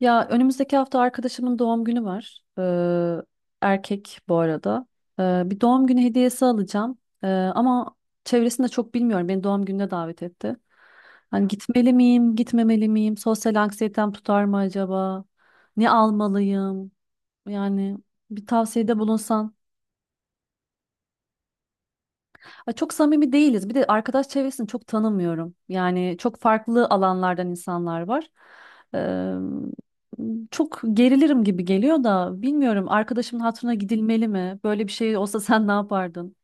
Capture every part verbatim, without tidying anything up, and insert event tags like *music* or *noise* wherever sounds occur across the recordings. Ya önümüzdeki hafta arkadaşımın doğum günü var. Ee, erkek bu arada. Ee, bir doğum günü hediyesi alacağım. Ee, ama çevresinde çok bilmiyorum. Beni doğum gününe davet etti. Hani gitmeli miyim, gitmemeli miyim? Sosyal anksiyetem tutar mı acaba? Ne almalıyım? Yani bir tavsiyede bulunsan. Ya çok samimi değiliz. Bir de arkadaş çevresini çok tanımıyorum. Yani çok farklı alanlardan insanlar var. Eee, Çok gerilirim gibi geliyor da bilmiyorum arkadaşımın hatırına gidilmeli mi? Böyle bir şey olsa *laughs* sen ne yapardın?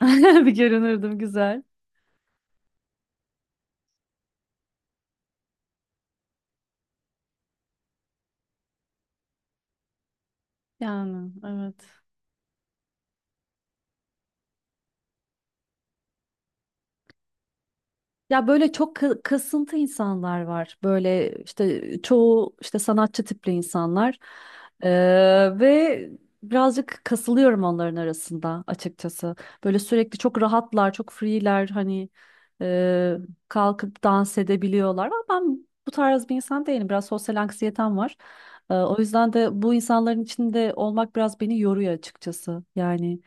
*laughs* Bir görünürdüm güzel. Yani evet. Ya böyle çok kı- kasıntı insanlar var. Böyle işte çoğu işte sanatçı tipli insanlar. Ee, ve birazcık kasılıyorum onların arasında açıkçası. Böyle sürekli çok rahatlar, çok free'ler hani e, kalkıp dans edebiliyorlar. Ama ben bu tarz bir insan değilim. Biraz sosyal anksiyetem var. Ee, o yüzden de bu insanların içinde olmak biraz beni yoruyor açıkçası. Yani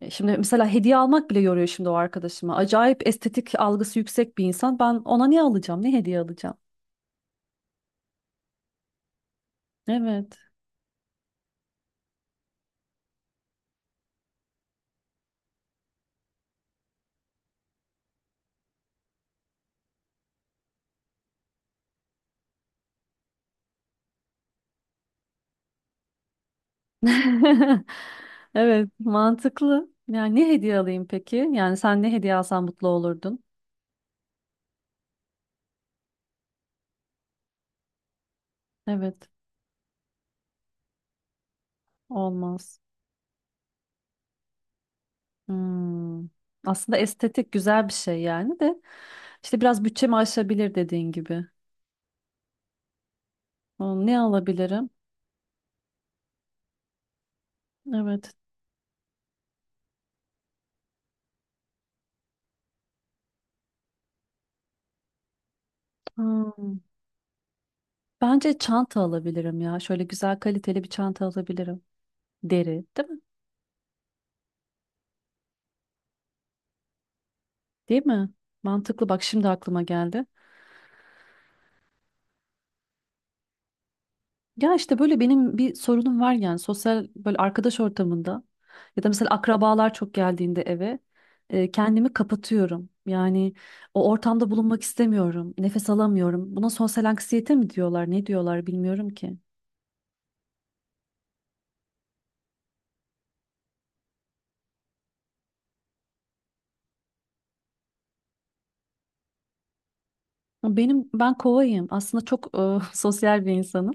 e, Şimdi mesela hediye almak bile yoruyor şimdi o arkadaşıma. Acayip estetik algısı yüksek bir insan. Ben ona ne alacağım? Ne hediye alacağım? Evet. *laughs* Evet, mantıklı. Yani ne hediye alayım peki? Yani sen ne hediye alsan mutlu olurdun? Evet, olmaz. Hmm. Aslında estetik güzel bir şey yani de işte biraz bütçemi aşabilir dediğin gibi. Aa, ne alabilirim? Evet. Hmm. Bence çanta alabilirim ya. Şöyle güzel kaliteli bir çanta alabilirim. Deri, değil mi? Değil mi? Mantıklı bak şimdi aklıma geldi. Ya işte böyle benim bir sorunum var yani sosyal böyle arkadaş ortamında ya da mesela akrabalar çok geldiğinde eve e, kendimi kapatıyorum. Yani o ortamda bulunmak istemiyorum. Nefes alamıyorum. Buna sosyal anksiyete mi diyorlar, ne diyorlar bilmiyorum ki. Benim ben kovayım. Aslında çok e, *laughs* sosyal bir insanım.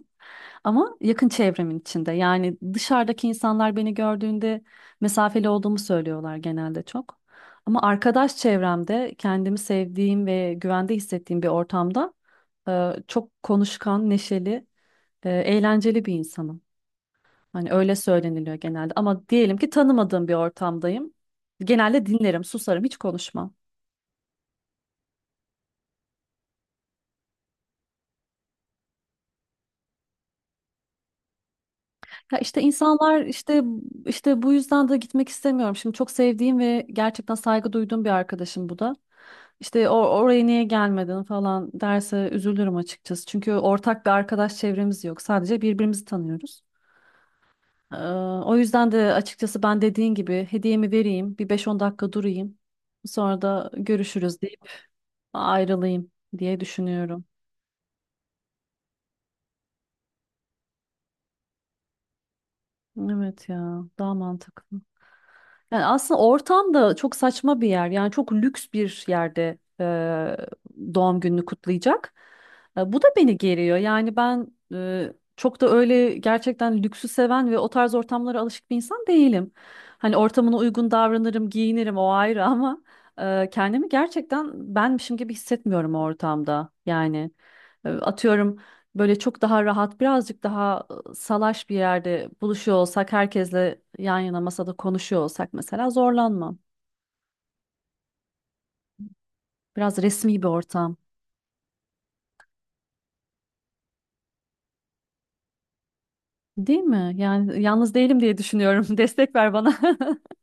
Ama yakın çevremin içinde. Yani dışarıdaki insanlar beni gördüğünde mesafeli olduğumu söylüyorlar genelde çok. Ama arkadaş çevremde kendimi sevdiğim ve güvende hissettiğim bir ortamda e, çok konuşkan, neşeli, e, eğlenceli bir insanım. Hani öyle söyleniliyor genelde. Ama diyelim ki tanımadığım bir ortamdayım. Genelde dinlerim, susarım, hiç konuşmam. Ya işte insanlar işte işte bu yüzden de gitmek istemiyorum. Şimdi çok sevdiğim ve gerçekten saygı duyduğum bir arkadaşım bu da. İşte o- oraya niye gelmedin falan derse üzülürüm açıkçası. Çünkü ortak bir arkadaş çevremiz yok. Sadece birbirimizi tanıyoruz. Ee, O yüzden de açıkçası ben dediğin gibi hediyemi vereyim, bir beş on dakika durayım. Sonra da görüşürüz deyip ayrılayım diye düşünüyorum. Evet ya, daha mantıklı. Yani aslında ortam da çok saçma bir yer. Yani çok lüks bir yerde e, doğum gününü kutlayacak. E, bu da beni geriyor. Yani ben e, çok da öyle gerçekten lüksü seven ve o tarz ortamlara alışık bir insan değilim. Hani ortamına uygun davranırım, giyinirim o ayrı *laughs* ama e, kendimi gerçekten benmişim gibi hissetmiyorum o ortamda. Yani e, atıyorum. Böyle çok daha rahat, birazcık daha e, salaş bir yerde buluşuyor olsak, herkesle yan yana masada konuşuyor olsak mesela zorlanmam. Biraz resmi bir ortam, değil mi? Yani yalnız değilim diye düşünüyorum. *laughs* Destek ver bana. *laughs*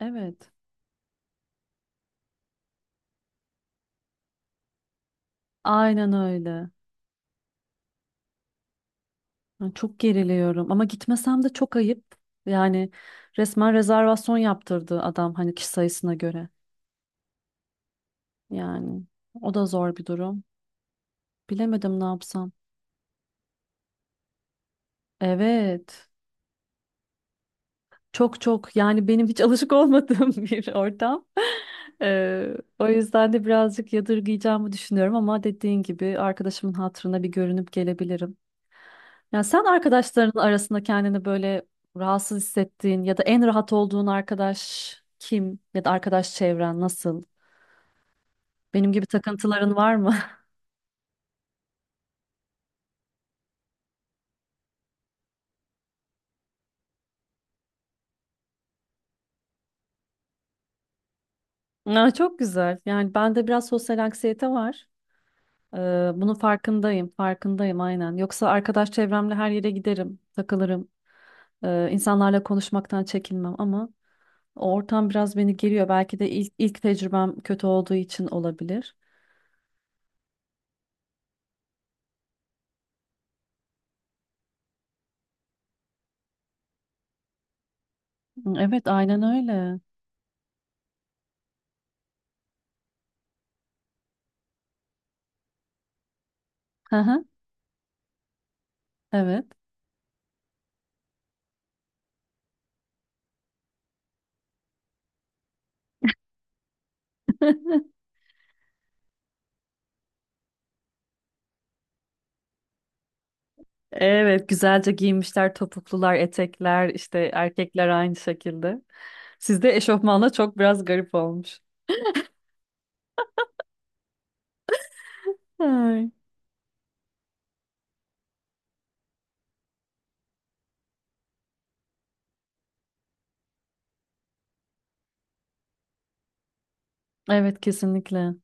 Evet, aynen öyle. Yani çok geriliyorum ama gitmesem de çok ayıp. Yani resmen rezervasyon yaptırdı adam hani kişi sayısına göre. Yani o da zor bir durum. Bilemedim ne yapsam. Evet. Çok çok yani benim hiç alışık olmadığım *laughs* bir ortam. Ee, o yüzden de birazcık yadırgayacağımı düşünüyorum ama dediğin gibi arkadaşımın hatırına bir görünüp gelebilirim. Ya sen arkadaşların arasında kendini böyle rahatsız hissettiğin ya da en rahat olduğun arkadaş kim ya da arkadaş çevren nasıl? Benim gibi takıntıların var mı? *laughs* Aa, çok güzel. Yani bende biraz sosyal anksiyete var. Ee, Bunun farkındayım, farkındayım aynen. Yoksa arkadaş çevremle her yere giderim, takılırım. Ee, insanlarla konuşmaktan çekinmem ama o ortam biraz beni geriyor. Belki de ilk, ilk tecrübem kötü olduğu için olabilir. Evet, aynen öyle. Hı hı, evet. *laughs* Evet, güzelce giyinmişler, topuklular, etekler, işte erkekler aynı şekilde. Sizde eşofmanla çok biraz garip olmuş. Ay. Evet, kesinlikle.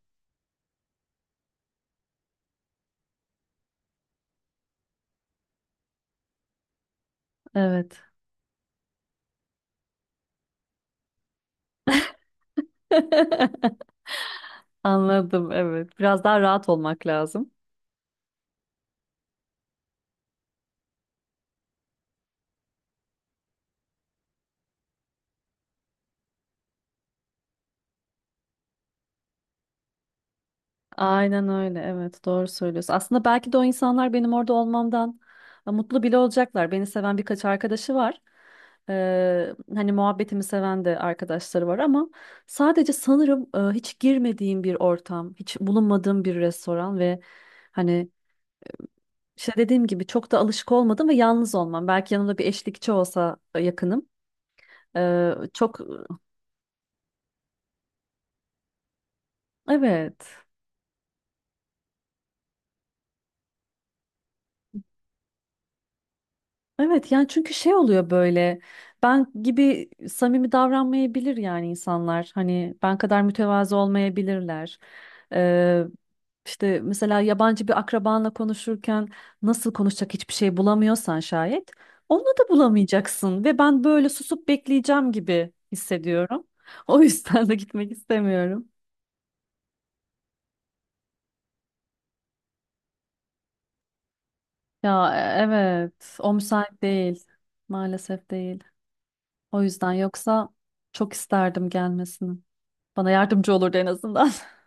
Evet. *laughs* Anladım, evet. Biraz daha rahat olmak lazım. Aynen öyle. Evet, doğru söylüyorsun. Aslında belki de o insanlar benim orada olmamdan e, mutlu bile olacaklar. Beni seven birkaç arkadaşı var. Ee, hani muhabbetimi seven de arkadaşları var ama sadece sanırım e, hiç girmediğim bir ortam, hiç bulunmadığım bir restoran ve hani işte dediğim gibi çok da alışık olmadım ve yalnız olmam. Belki yanımda bir eşlikçi olsa e, yakınım. Ee, çok e, evet. Evet yani çünkü şey oluyor böyle ben gibi samimi davranmayabilir yani insanlar hani ben kadar mütevazı olmayabilirler. Ee, işte mesela yabancı bir akrabanla konuşurken nasıl konuşacak hiçbir şey bulamıyorsan şayet onu da bulamayacaksın ve ben böyle susup bekleyeceğim gibi hissediyorum. *laughs* O yüzden de gitmek istemiyorum. Ya e- evet o müsait değil maalesef değil. O yüzden yoksa çok isterdim gelmesini. Bana yardımcı olurdu en azından. *laughs*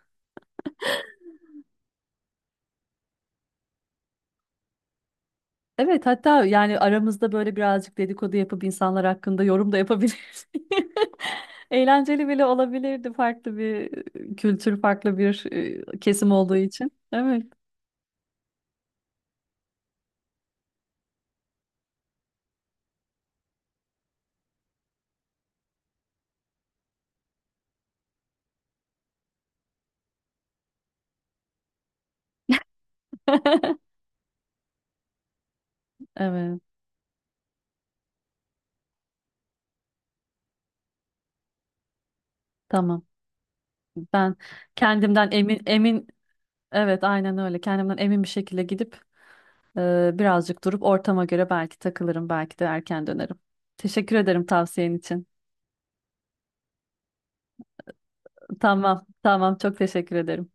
Evet hatta yani aramızda böyle birazcık dedikodu yapıp insanlar hakkında yorum da yapabiliriz. *laughs* Eğlenceli bile olabilirdi farklı bir kültür, farklı bir e, kesim olduğu için. Evet. *laughs* Evet, tamam. Ben kendimden emin emin evet aynen öyle. Kendimden emin bir şekilde gidip e, birazcık durup ortama göre belki takılırım, belki de erken dönerim. Teşekkür ederim tavsiyen için. Tamam, tamam çok teşekkür ederim.